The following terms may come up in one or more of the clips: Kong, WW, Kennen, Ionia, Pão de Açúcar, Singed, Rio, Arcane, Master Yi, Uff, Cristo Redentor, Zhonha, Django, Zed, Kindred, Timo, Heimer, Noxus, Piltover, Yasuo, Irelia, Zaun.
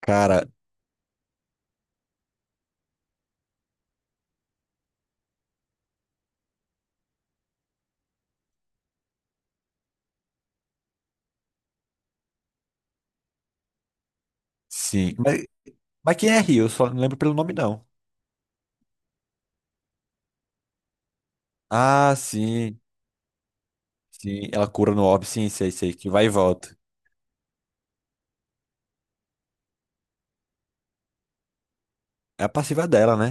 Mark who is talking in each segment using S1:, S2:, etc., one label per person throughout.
S1: Cara, sim. Mas quem é Rio? Eu só não lembro pelo nome, não. Ah, sim. Sim, ela cura no orbe, sim, sei, sei, que vai e volta. É a passiva dela, né?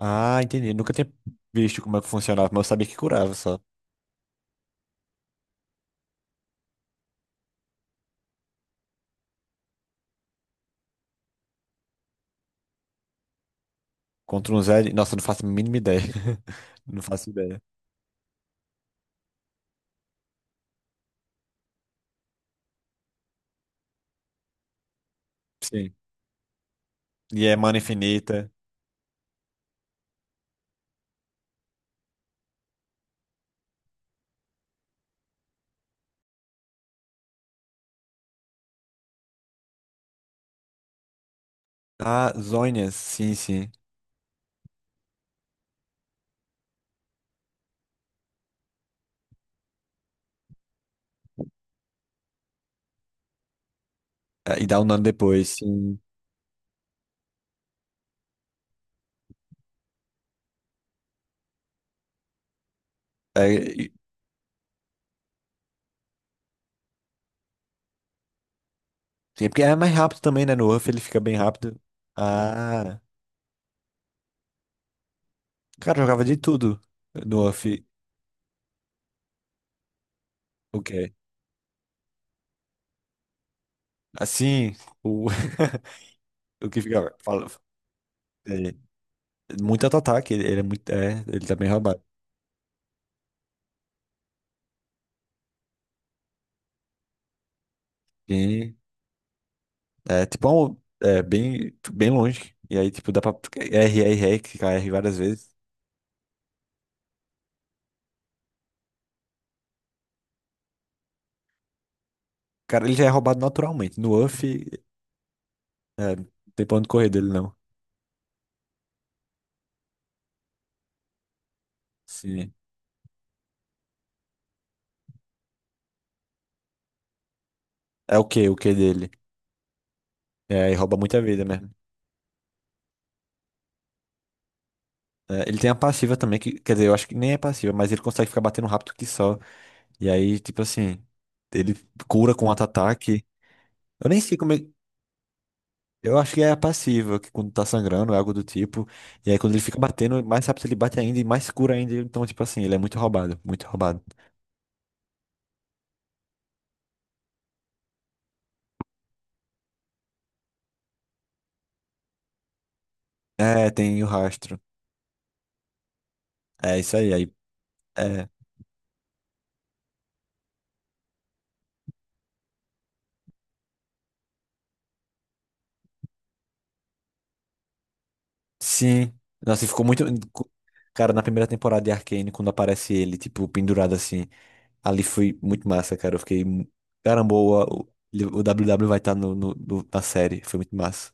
S1: Ah, entendi. Nunca tinha visto como é que funcionava, mas eu sabia que curava só. Contra um Zed. Nossa, eu não faço a mínima ideia. Não faço ideia. Sim. E é mana infinita. Ah, Zhonha, sim, sim. É, e dá um dano depois, sim. É, e- é porque é mais rápido também, né? No Uff ele fica bem rápido. Ah, cara, eu jogava de tudo no Uff. Ok. Assim, o, o que fica. Fala, é, muito auto-ataque, ele é muito. É, ele tá bem roubado. Bem, é tipo é um. É bem, bem longe. E aí, tipo, dá pra. R, clicar R várias vezes. Cara, ele já é roubado naturalmente. No UF, é, não tem pra onde correr dele, não. Sim. É o que dele? É, e rouba muita vida mesmo. É, ele tem a passiva também, que, quer dizer, eu acho que nem é passiva, mas ele consegue ficar batendo rápido que só. E aí, tipo assim, ele cura com auto-ataque. Eu nem sei como é. Eu acho que é a passiva, que quando tá sangrando, é algo do tipo. E aí quando ele fica batendo, mais rápido ele bate ainda e mais cura ainda. Então, tipo assim, ele é muito roubado, muito roubado. É, tem o rastro. É isso aí. Aí, é. Sim. Nossa, e ficou muito. Cara, na primeira temporada de Arcane, quando aparece ele, tipo, pendurado assim, ali foi muito massa, cara. Eu fiquei. Caramba, o W W vai estar na série. Foi muito massa.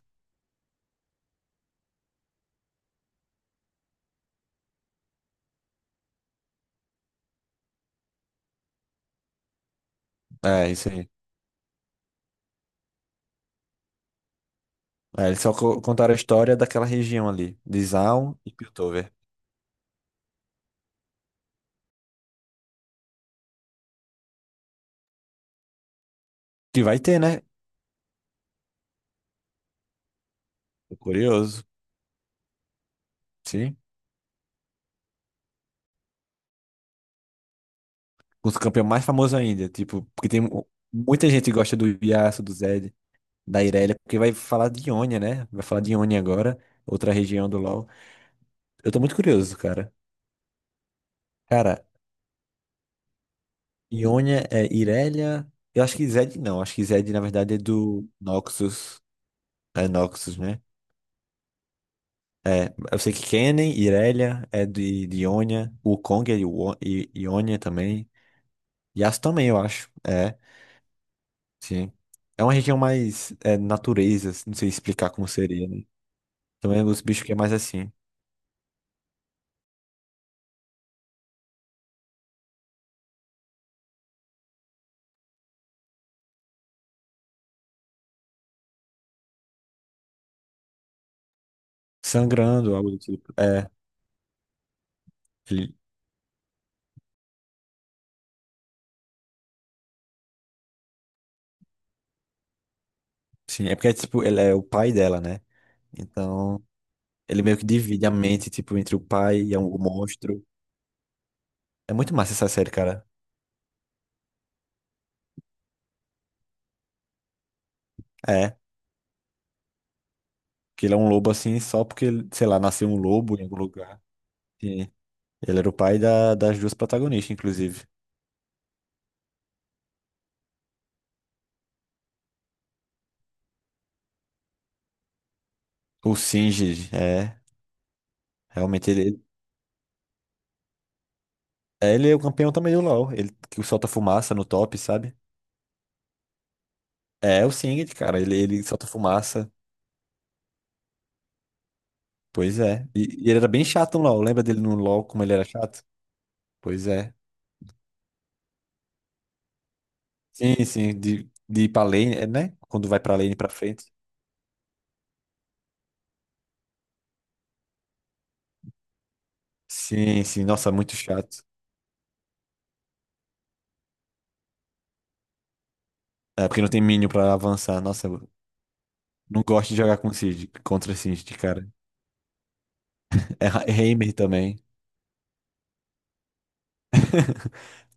S1: É, isso aí. É, contaram a história daquela região ali, de Zaun e Piltover. Que vai ter, né? Tô curioso. Sim. Com os campeões mais famosos ainda. Tipo, porque muita gente que gosta do Yasuo, do Zed, da Irelia, porque vai falar de Ionia, né? Vai falar de Ionia agora, outra região do LoL. Eu tô muito curioso, cara. Cara, Ionia é Irelia. Eu acho que Zed não. Acho que Zed, na verdade, é do Noxus. É Noxus, né? É, eu sei que Kennen, Irelia é de Ionia. O Kong é de Ionia também. Yasuo também, eu acho. É, sim. É uma região mais é, natureza, assim, não sei explicar como seria, né? Então é os bichos que é mais assim, sangrando, algo do tipo. Ele, sim, é porque tipo, ele é o pai dela, né? Então, ele meio que divide a mente, tipo, entre o pai e o monstro. É muito massa essa série, cara. É, que ele é um lobo assim, só porque, ele, sei lá, nasceu um lobo em algum lugar. Sim. Ele era o pai das duas protagonistas, inclusive. O Singed, é. Realmente ele é o campeão também do LoL. Ele que solta fumaça no top, sabe? É o Singed, cara. Ele solta fumaça. Pois é. E ele era bem chato no LoL. Lembra dele no LoL como ele era chato? Pois é. Sim, sim. De ir pra lane, é, né? Quando vai pra lane pra frente. Sim, sim. Nossa, muito chato. É porque não tem minion pra avançar. Nossa, eu não gosto de jogar com Singed, contra Singed, cara. É Ra- Heimer também.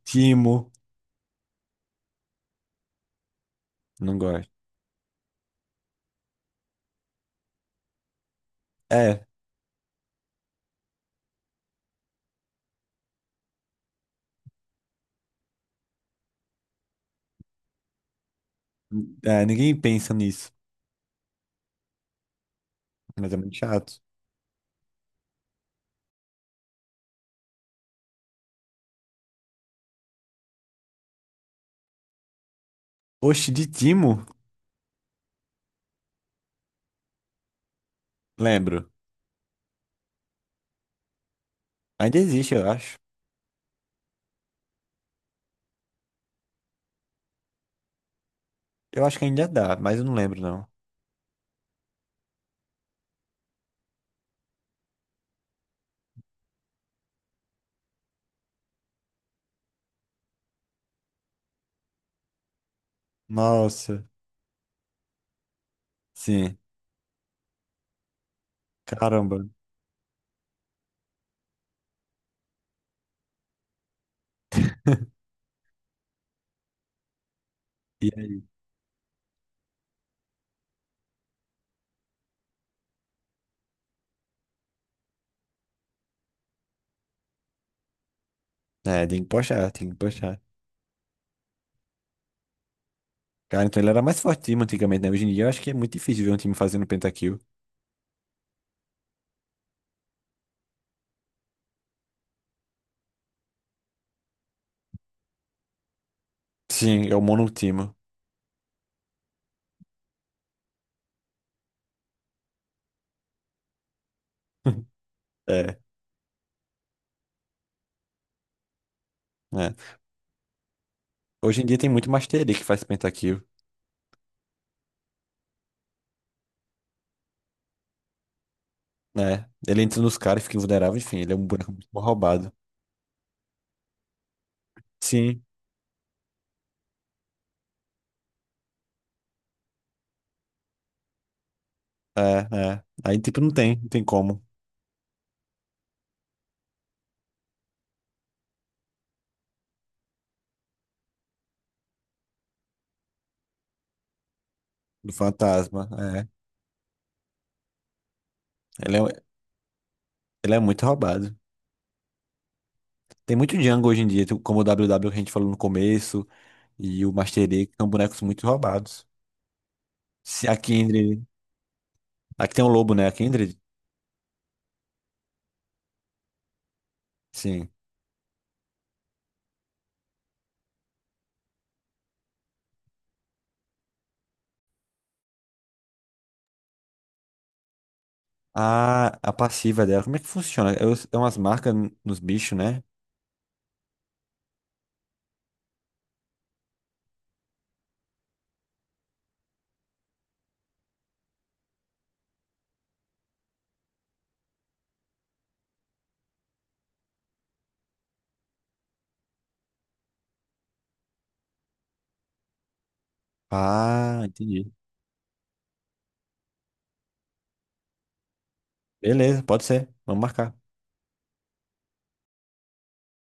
S1: Timo. Não gosto. É, ninguém pensa nisso. Mas é muito chato. Oxe, de Timo? Lembro. Ainda existe, eu acho. Eu acho que ainda dá, mas eu não lembro, não. Nossa, sim. Caramba. E aí? É, tem que puxar, tem que puxar. Cara, então ele era mais forte time antigamente, né? Hoje em dia eu acho que é muito difícil ver um time fazendo pentakill. Sim, é o monotimo. É, né? Hoje em dia tem muito Master Yi que faz pentakill, né? Ele entra nos caras, fica invulnerável, enfim, ele é um boneco muito mal roubado. Sim, é, é. Aí, tipo, não tem como. Do fantasma, é. Ele é, ele é muito roubado. Tem muito Django hoje em dia, como o WW que a gente falou no começo, e o Master Yi, que são bonecos muito roubados. Se a Kindred. Aqui tem um lobo, né? A Kindred? Sim. A passiva dela, como é que funciona? É, é umas marcas nos bichos, né? Ah, entendi. Beleza, pode ser. Vamos marcar.